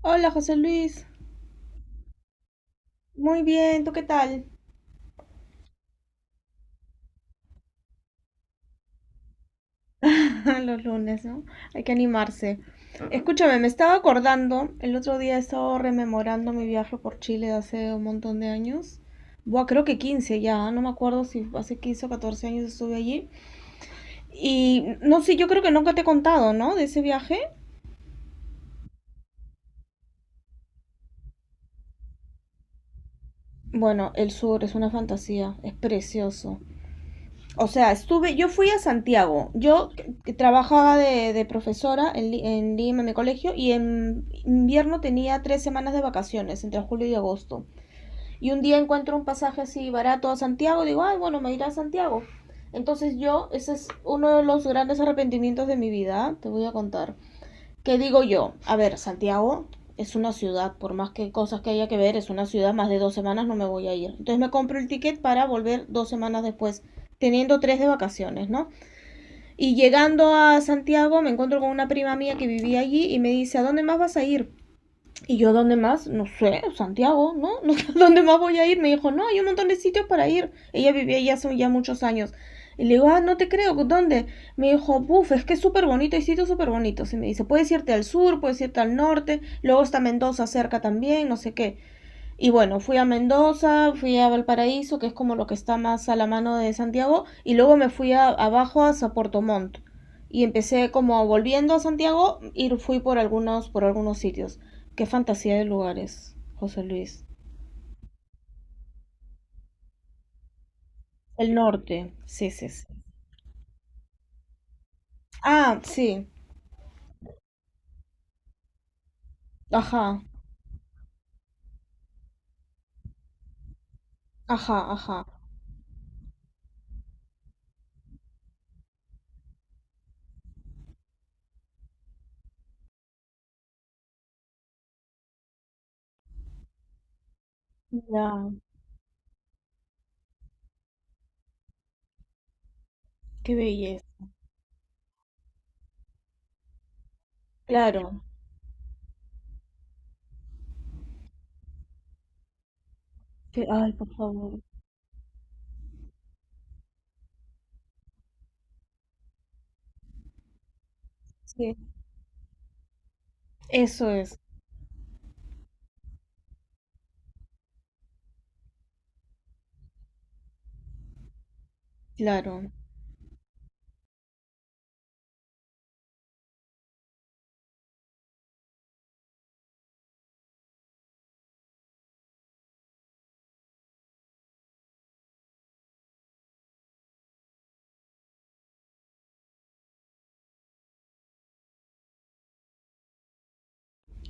Hola José Luis, muy bien, ¿tú qué tal? Los lunes, ¿no? Hay que animarse. Escúchame, me estaba acordando, el otro día estaba rememorando mi viaje por Chile de hace un montón de años. Buah, creo que 15 ya, ¿eh? No me acuerdo si hace 15 o 14 años estuve allí. Y no sé, yo creo que nunca te he contado, ¿no? De ese viaje. Bueno, el sur es una fantasía, es precioso. O sea, estuve, yo fui a Santiago, yo que trabajaba de profesora en, en Lima, en mi colegio, y en invierno tenía tres semanas de vacaciones, entre julio y agosto. Y un día encuentro un pasaje así barato a Santiago, digo, ay, bueno, me iré a Santiago. Entonces yo, ese es uno de los grandes arrepentimientos de mi vida, te voy a contar. ¿Qué digo yo? A ver, Santiago es una ciudad, por más que cosas que haya que ver, es una ciudad, más de dos semanas no me voy a ir. Entonces me compro el ticket para volver dos semanas después, teniendo tres de vacaciones, ¿no? Y llegando a Santiago me encuentro con una prima mía que vivía allí y me dice, ¿a dónde más vas a ir? Y yo, ¿dónde más? No sé, Santiago, ¿no? No. ¿Dónde más voy a ir? Me dijo, no, hay un montón de sitios para ir. Ella vivía allá hace ya muchos años. Y le digo, ah, no te creo, ¿dónde? Me dijo, buf, es que es súper bonito, hay sitios súper bonitos. Y me dice, puedes irte al sur, puedes irte al norte, luego está Mendoza cerca también, no sé qué. Y bueno, fui a Mendoza, fui a Valparaíso, que es como lo que está más a la mano de Santiago, y luego me fui abajo hasta Puerto Montt. Y empecé como volviendo a Santiago y fui por algunos sitios. Qué fantasía de lugares, José Luis. El norte, sí, sí, sí. Ah, sí, ajá, ajá, ajá. Ya, qué belleza. Claro, que, ay, por favor. Sí, eso es, claro.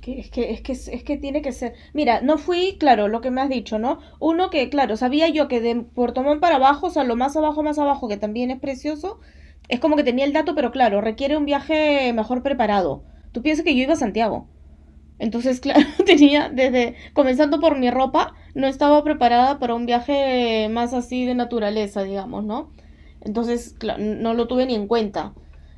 Es que, tiene que ser. Mira, no fui, claro, lo que me has dicho, ¿no? Uno que, claro, sabía yo que de Puerto Montt para abajo, o sea, lo más abajo, que también es precioso, es como que tenía el dato, pero claro, requiere un viaje mejor preparado. ¿Tú piensas que yo iba a Santiago? Entonces, claro, tenía desde, comenzando por mi ropa, no estaba preparada para un viaje más así de naturaleza, digamos, ¿no? Entonces, no lo tuve ni en cuenta.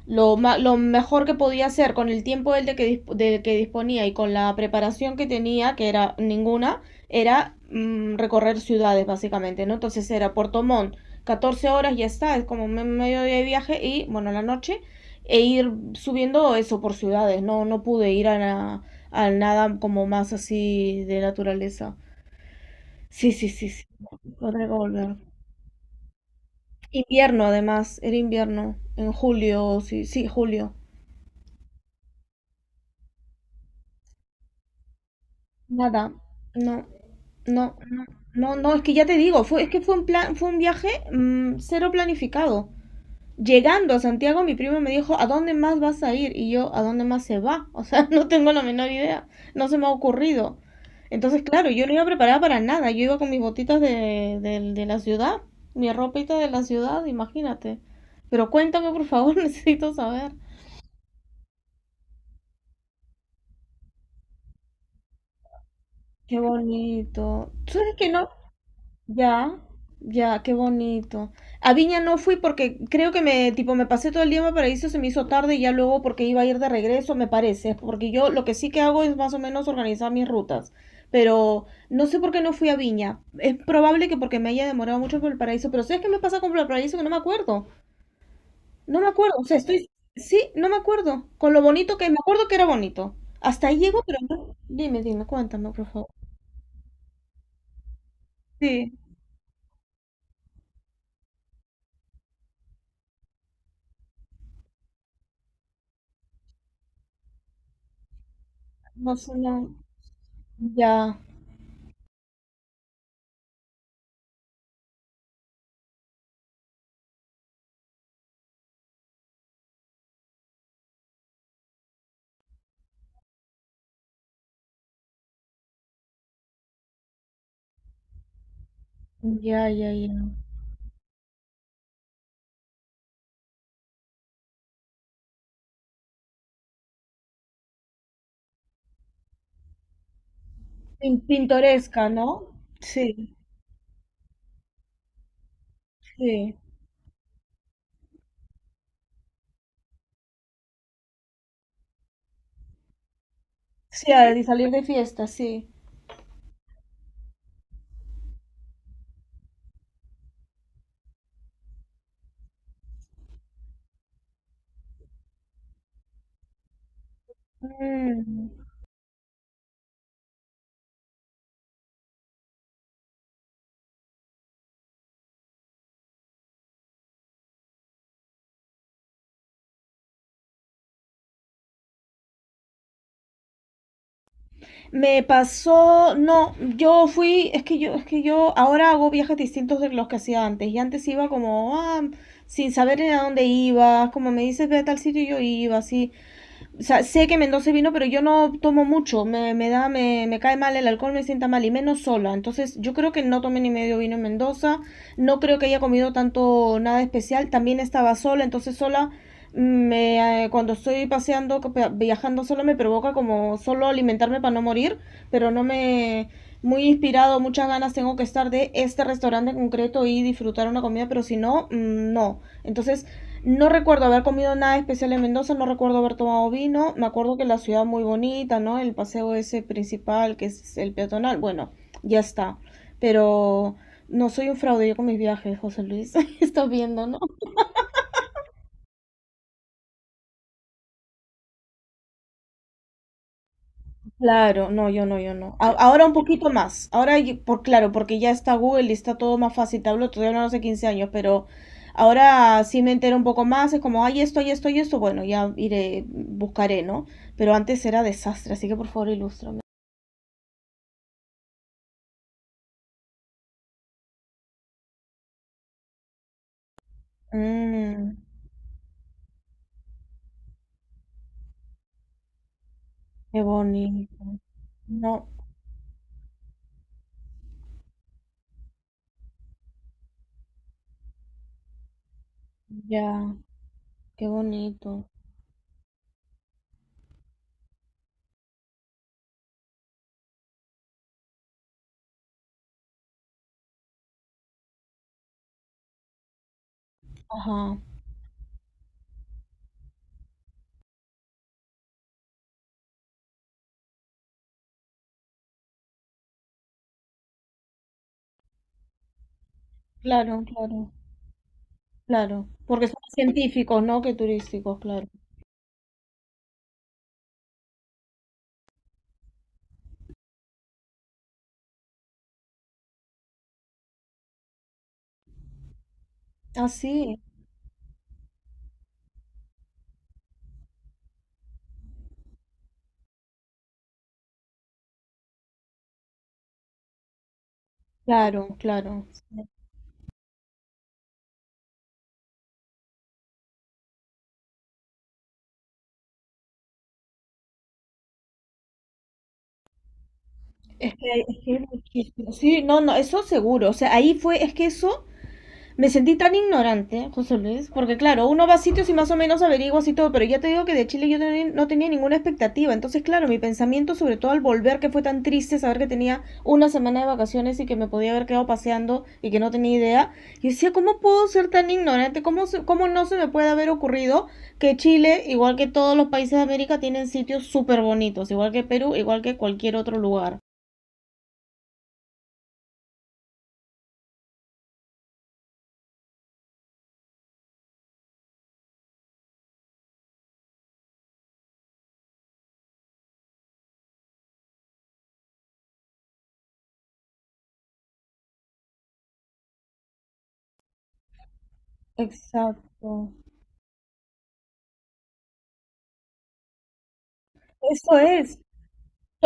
Lo mejor que podía hacer con el tiempo del que disponía y con la preparación que tenía, que era ninguna, era recorrer ciudades, básicamente, ¿no? Entonces era Puerto Montt, 14 horas, ya está, es como medio día de viaje y, bueno, la noche, e ir subiendo eso por ciudades, no pude ir a al nada como más así de naturaleza. Sí, sí, sí, sí. Tendré que volver. Invierno, además, era invierno, en julio, sí, sí, julio. Nada, no, no, no, no, no, es que ya te digo, fue, es que fue un plan, fue un viaje cero planificado. Llegando a Santiago, mi primo me dijo, ¿a dónde más vas a ir? Y yo, ¿a dónde más se va? O sea, no tengo la menor idea, no se me ha ocurrido. Entonces, claro, yo no iba preparada para nada, yo iba con mis botitas de la ciudad, mi ropita de la ciudad, imagínate. Pero cuéntame, por favor, necesito saber. Qué bonito. ¿Tú sabes que no? Ya, ya, qué bonito. A Viña no fui porque creo que me, tipo, me pasé todo el día en Valparaíso, se me hizo tarde y ya luego porque iba a ir de regreso, me parece, porque yo lo que sí que hago es más o menos organizar mis rutas, pero no sé por qué no fui a Viña. Es probable que porque me haya demorado mucho por Valparaíso, pero ¿sabes qué me pasa con Valparaíso? Que no me acuerdo. No me acuerdo, o sea, estoy, sí, no me acuerdo. Con lo bonito que, me acuerdo que era bonito. Hasta ahí llego, pero no. Dime, dime, cuéntame, por favor. Sí, no sé, no. Ya. Ya, ya, ya. Pintoresca, ¿no? Sí, sí. Sí, al de salir de fiesta, sí. Mm. Me pasó, no, yo fui, es que yo ahora hago viajes distintos de los que hacía antes. Y antes iba como, ah, sin saber ni a dónde iba, como me dices, ve a tal sitio, yo iba, así. O sea, sé que Mendoza vino, pero yo no tomo mucho. Me da, me cae mal el alcohol, me sienta mal y menos sola. Entonces, yo creo que no tomé ni medio vino en Mendoza. No creo que haya comido tanto nada especial. También estaba sola, entonces sola cuando estoy paseando, viajando sola me provoca como solo alimentarme para no morir, pero no me muy inspirado, muchas ganas tengo que estar de este restaurante en concreto y disfrutar una comida, pero si no, no. Entonces, no recuerdo haber comido nada especial en Mendoza, no recuerdo haber tomado vino. Me acuerdo que la ciudad muy bonita, ¿no? El paseo ese principal, que es el peatonal. Bueno, ya está. Pero no soy un fraude yo con mis viajes, José Luis. Estás viendo, ¿no? Claro, no, yo no. Ahora un poquito más. Ahora, yo- por claro, porque ya está Google y está todo más fácil. Te hablo, todavía no hace 15 años, pero ahora sí me entero un poco más. Es como, ay, esto, y esto. Bueno, ya iré, buscaré, ¿no? Pero antes era desastre, así que por favor, ilústrame. Mm, qué bonito. No, ya, qué bonito. Ajá, claro, claro, claro. Porque son más científicos, ¿no? Que turísticos, claro. Ah, sí, claro, claro. Es que hay muchísimo. Sí, no, no, eso seguro. O sea, ahí fue, es que eso me sentí tan ignorante, José Luis, porque claro, uno va a sitios y más o menos averiguas y todo, pero ya te digo que de Chile yo no tenía ninguna expectativa. Entonces, claro, mi pensamiento, sobre todo al volver, que fue tan triste saber que tenía una semana de vacaciones y que me podía haber quedado paseando y que no tenía idea, yo decía, ¿cómo puedo ser tan ignorante? ¿Cómo, cómo no se me puede haber ocurrido que Chile, igual que todos los países de América, tienen sitios súper bonitos, igual que Perú, igual que cualquier otro lugar? Exacto. Eso es.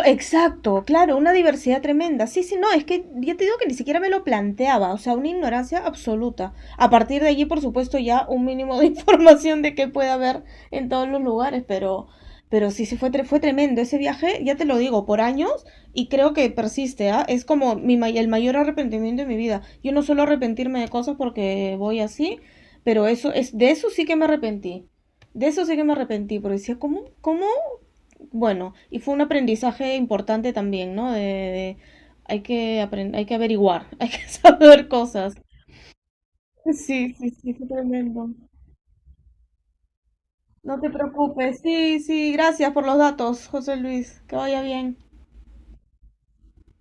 Exacto, claro, una diversidad tremenda. Sí, sí, no, es que ya te digo que ni siquiera me lo planteaba, o sea, una ignorancia absoluta. A partir de allí, por supuesto, ya un mínimo de información de qué puede haber en todos los lugares, pero sí, sí fue, fue tremendo ese viaje, ya te lo digo, por años y creo que persiste, ¿ah? Es como mi, el mayor arrepentimiento de mi vida. Yo no suelo arrepentirme de cosas porque voy así, pero eso es, de eso sí que me arrepentí. De eso sí que me arrepentí, porque decía, ¿cómo, cómo bueno, y fue un aprendizaje importante también, ¿no? Hay que aprender, hay que averiguar, hay que saber cosas. Sí, sí, sí, fue tremendo. No te preocupes. Sí, sí, gracias por los datos, José Luis. Que vaya bien.